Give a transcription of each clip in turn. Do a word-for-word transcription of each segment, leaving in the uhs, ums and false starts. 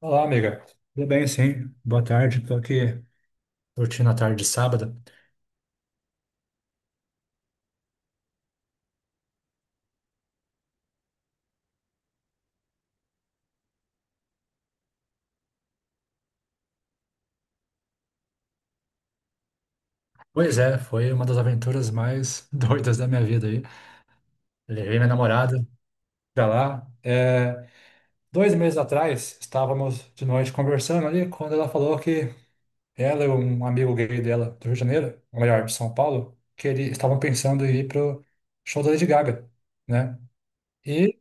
Olá, amiga. Tudo bem, sim? Boa tarde. Estou aqui curtindo a tarde de sábado. Pois é, foi uma das aventuras mais doidas da minha vida aí. Levei minha namorada pra lá. É, dois meses atrás, estávamos de noite conversando ali, quando ela falou que ela e um amigo gay dela do Rio de Janeiro, ou melhor, de São Paulo, que eles estavam pensando em ir pro show da Lady Gaga, né? E,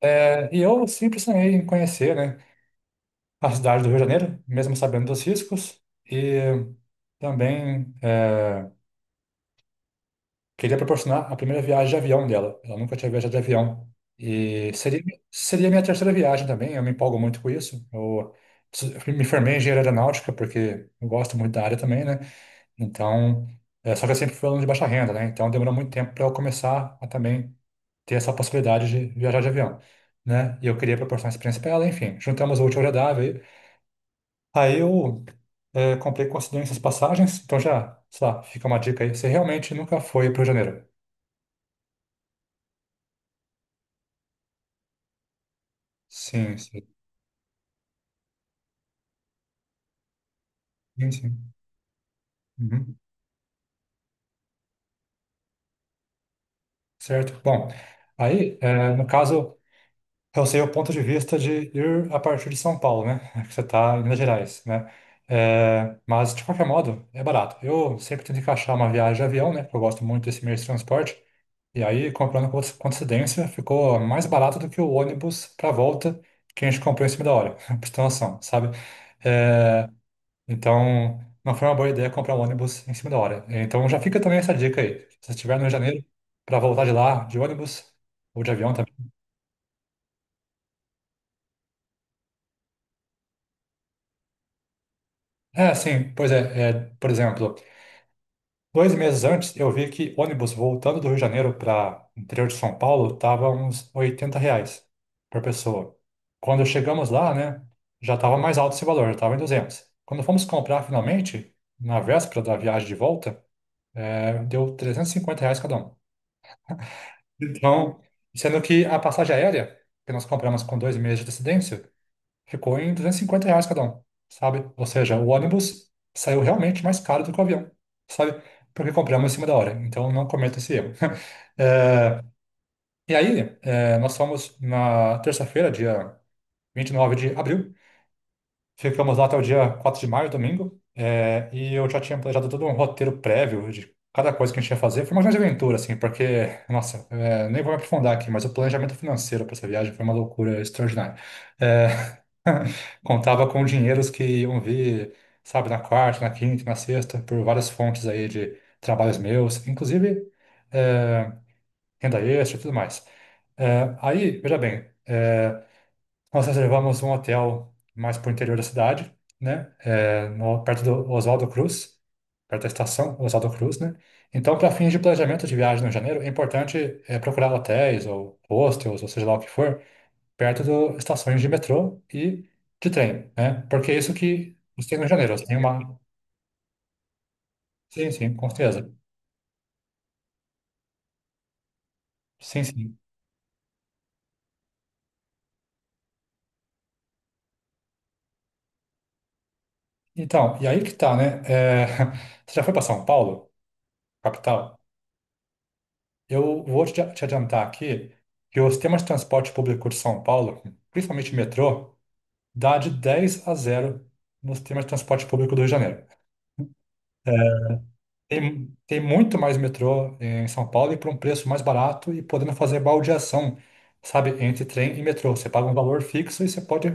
é, e eu sempre sonhei em conhecer, né? A cidade do Rio de Janeiro, mesmo sabendo dos riscos, e também eh, queria proporcionar a primeira viagem de avião dela. Ela nunca tinha viajado de avião. E seria, seria minha terceira viagem também, eu me empolgo muito com isso. Eu su- me formei em engenharia aeronáutica porque eu gosto muito da área também, né? Então, eh, só que eu sempre fui aluno de baixa renda, né? Então demorou muito tempo para eu começar a também ter essa possibilidade de viajar de avião, né? E eu queria proporcionar essa experiência para ela, enfim. Juntamos o útil ao agradável. Aí eu é, comprei com antecedência as passagens, então já, sei lá, fica uma dica aí. Você realmente nunca foi para o Rio de Janeiro? Sim, sim, sim. Sim. Uhum. Certo. Bom, aí, é, no caso, eu sei o ponto de vista de ir a partir de São Paulo, né? Que você está em Minas Gerais, né? É, mas, de qualquer modo, é barato. Eu sempre tento encaixar uma viagem de avião, né? Porque eu gosto muito desse meio de transporte. E aí, comprando com coincidência, ficou mais barato do que o ônibus para volta que a gente comprou em cima da hora, pra você ter noção, sabe? É, então, não foi uma boa ideia comprar um ônibus em cima da hora. Então, já fica também essa dica aí. Se você estiver no Rio de Janeiro, para voltar de lá, de ônibus ou de avião também. É, sim, pois é, é, por exemplo. Dois meses antes, eu vi que ônibus voltando do Rio de Janeiro para interior de São Paulo estava uns oitenta reais por pessoa. Quando chegamos lá, né, já estava mais alto esse valor, já estava em duzentos. Quando fomos comprar finalmente, na véspera da viagem de volta, eh, deu trezentos e cinquenta reais cada um. Então, sendo que a passagem aérea, que nós compramos com dois meses de antecedência, ficou em duzentos e cinquenta reais cada um, sabe? Ou seja, o ônibus saiu realmente mais caro do que o avião, sabe? Porque compramos em cima da hora, então não cometa esse erro. Eh, e aí, eh, nós fomos na terça-feira, dia vinte e nove de abril. Ficamos lá até o dia quatro de maio, domingo, é, e eu já tinha planejado todo um roteiro prévio de cada coisa que a gente ia fazer. Foi uma grande aventura, assim, porque, nossa, é, nem vou me aprofundar aqui, mas o planejamento financeiro para essa viagem foi uma loucura extraordinária. É, contava com dinheiros que iam vir, sabe, na quarta, na quinta, na sexta, por várias fontes aí de trabalhos meus, inclusive é, renda extra e tudo mais. É, aí, veja bem. eh, Nós reservamos um hotel mais para o interior da cidade, né? É, no- perto do Oswaldo Cruz, perto da estação Oswaldo Cruz, né? Então, para fins de planejamento de viagem no janeiro, é importante é, procurar hotéis ou hostels, ou seja lá o que for, perto de estações de metrô e de trem, né? Porque é isso que você tem no janeiro. Você tem uma... Sim, sim, com certeza. Sim, sim. Então, e aí que tá, né? É, você já foi para São Paulo, capital? Eu vou te te adiantar aqui que o sistema de transporte público de São Paulo, principalmente o metrô, dá de dez a zero no sistema de transporte público do Rio de Janeiro. É, Tem, tem muito mais metrô em São Paulo e por um preço mais barato e podendo fazer baldeação, sabe, entre trem e metrô. Você paga um valor fixo e você pode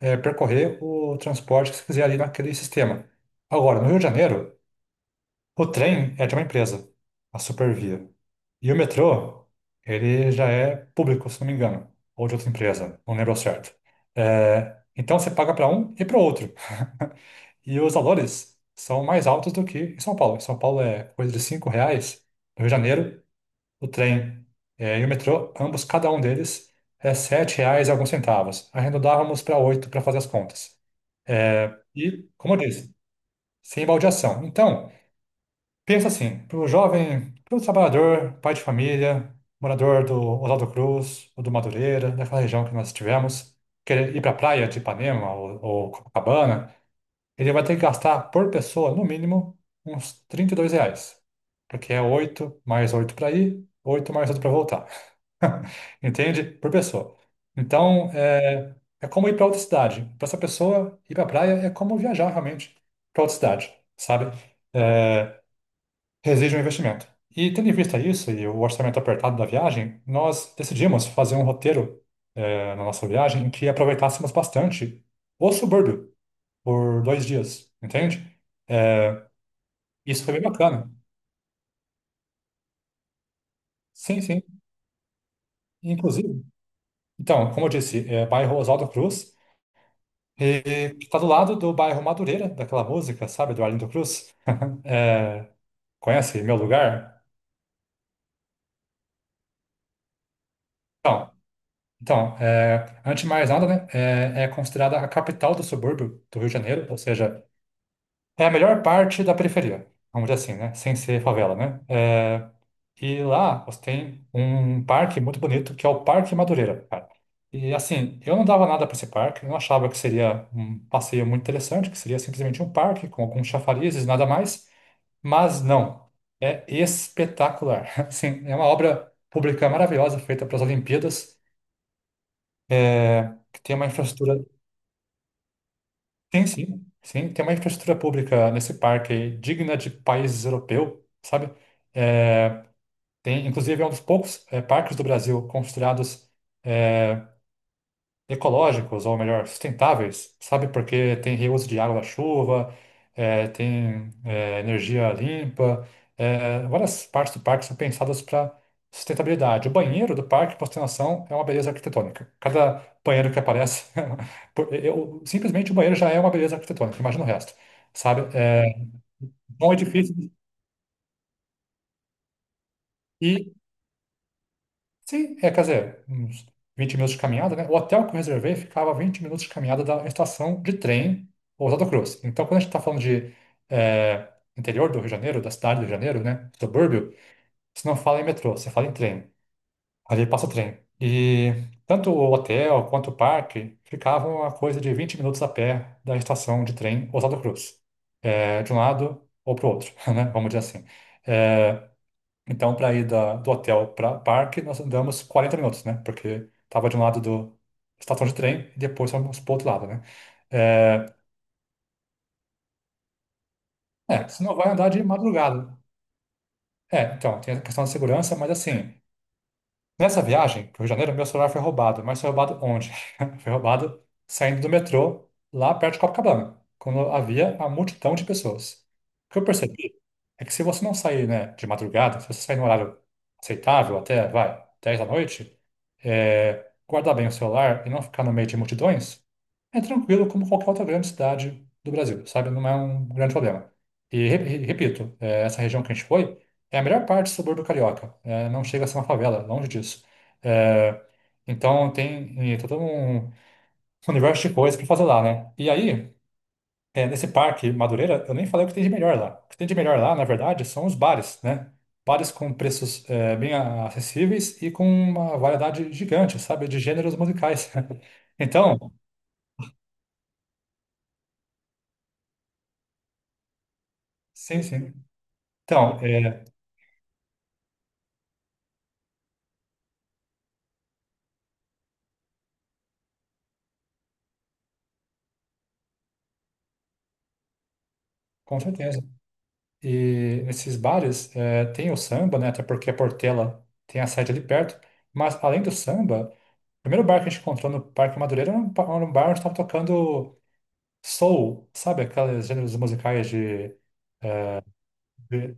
eh, percorrer o transporte que você quiser ali naquele sistema. Agora, no Rio de Janeiro, o trem é de uma empresa, a Supervia. E o metrô, ele já é público, se não me engano, ou de outra empresa, não lembro ao certo. É, então você paga para um e para outro. E os valores são mais altos do que em São Paulo. Em São Paulo é coisa de cinco reais. No Rio de Janeiro, o trem é, e o metrô, ambos, cada um deles, é sete reais e alguns centavos. Arredondávamos para oito para fazer as contas. É, e, como eu disse, sem baldeação. Então, pensa assim, para o jovem, para o trabalhador, pai de família, morador do Oswaldo Cruz ou do Madureira, daquela região que nós estivemos, querer ir para a praia de Ipanema ou, ou Copacabana, ele vai ter que gastar por pessoa, no mínimo, uns trinta e dois reais. Porque é oito mais oito para ir, oito mais oito para voltar. Entende? Por pessoa. Então, é, é como ir para outra cidade. Para essa pessoa, ir para a praia é como viajar realmente para outra cidade, sabe? É, reseja um investimento. E tendo em vista isso e o orçamento apertado da viagem, nós decidimos fazer um roteiro eh, na nossa viagem em que aproveitássemos bastante o subúrbio por dois dias, entende? Eh, isso foi bem bacana. Sim, sim. Inclusive, então, como eu disse, é bairro Oswaldo Cruz, e que está do lado do bairro Madureira, daquela música, sabe, do Arlindo Cruz? Eh, conhece Meu Lugar? Então, Então, é, antes de mais nada, né, é, é considerada a capital do subúrbio do Rio de Janeiro, ou seja, é a melhor parte da periferia, vamos dizer assim, né, sem ser favela, né? É, e lá você tem um parque muito bonito, que é o Parque Madureira, cara. E assim, eu não dava nada para esse parque, eu não achava que seria um passeio muito interessante, que seria simplesmente um parque com alguns chafarizes e nada mais, mas não, é espetacular. Assim, é uma obra pública maravilhosa feita para as Olimpíadas. É, que tem uma infraestrutura. Tem sim, sim, tem uma infraestrutura pública nesse parque aí, digna de países europeus, sabe? É, tem, inclusive, é um dos poucos é, parques do Brasil construídos ecológicos, ou melhor, sustentáveis, sabe? Porque tem reuso de água da chuva, eh, tem eh, energia limpa, eh, eh, várias partes do parque são pensadas para sustentabilidade. O banheiro do parque, para você ter noção, é uma beleza arquitetônica. Cada banheiro que aparece, por- eu- simplesmente o banheiro já é uma beleza arquitetônica, imagina o resto, sabe? É um edifício. Sim, é, quer dizer, uns vinte minutos de caminhada, né? O hotel que eu reservei ficava a vinte minutos de caminhada da estação de trem Ousado Cruz. Então, quando a gente está falando de é, interior do Rio de Janeiro, da cidade do Rio de Janeiro, né? Subúrbio, você não fala em metrô, você fala em trem. Ali passa o trem. E tanto o hotel quanto o parque ficavam a coisa de vinte minutos a pé da estação de trem Ousado Cruz. É, de um lado ou para o outro, né? Vamos dizer assim. É, então, para ir da, do hotel para parque, nós andamos quarenta minutos, né? Porque tava de um lado do estação de trem e depois fomos para outro lado, né? É, é, você não vai andar de madrugada. É, então, tem a questão da segurança, mas assim, nessa viagem pro Rio de Janeiro, meu celular foi roubado. Mas foi roubado onde? Foi roubado saindo do metrô, lá perto de Copacabana, quando havia a multidão de pessoas. O que eu percebi é que se você não sair, né, de madrugada, se você sair no horário aceitável, até, vai, dez da noite, é, guardar bem o celular e não ficar no meio de multidões, é tranquilo como qualquer outra grande cidade do Brasil, sabe? Não é um grande problema. E, re- re- repito, é, essa região que a gente foi. É a melhor parte do subúrbio carioca. É, não chega a ser uma favela, longe disso. É, então tem eh, todo um um universo de coisas para fazer lá, né? E aí, eh, nesse parque Madureira, eu nem falei o que tem de melhor lá. O que tem de melhor lá, na verdade, são os bares, né? Bares com preços eh, bem a- acessíveis e com uma variedade gigante, sabe? De gêneros musicais. Então, sim, sim. Então, eh, com certeza. E nesses bares eh, tem o samba, né? Até porque a Portela tem a sede ali perto. Mas além do samba, o primeiro bar que a gente encontrou no Parque Madureira era um, ba- era um bar onde estava tocando soul, sabe? Aqueles gêneros musicais de, de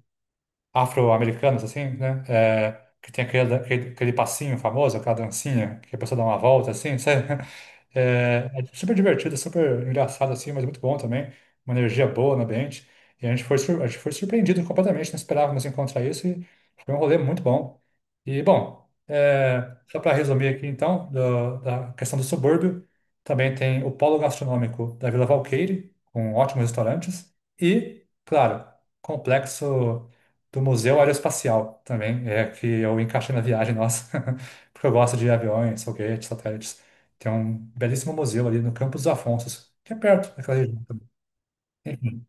afro-americanos, assim, né? eh, que tem aquele, aquele, aquele passinho famoso, aquela dancinha, que a pessoa dá uma volta, assim, sabe? É, é super divertido, super engraçado assim, mas muito bom também. Uma energia boa no ambiente. E a gente foi, sur- a gente foi surpreendido completamente, não esperávamos encontrar isso e foi um rolê muito bom. E, bom, é, só para resumir aqui então, do- da questão do subúrbio, também tem o polo gastronômico da Vila Valqueire, com ótimos restaurantes. E, claro, complexo do Museu Aeroespacial também, é que eu encaixei na viagem nossa, porque eu gosto de aviões, foguetes, satélites. Tem um belíssimo museu ali no Campos dos Afonsos, que é perto daquela região também. Enfim,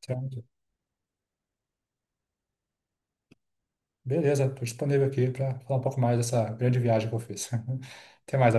certo? Beleza, estou disponível aqui para falar um pouco mais dessa grande viagem que eu fiz. Até mais.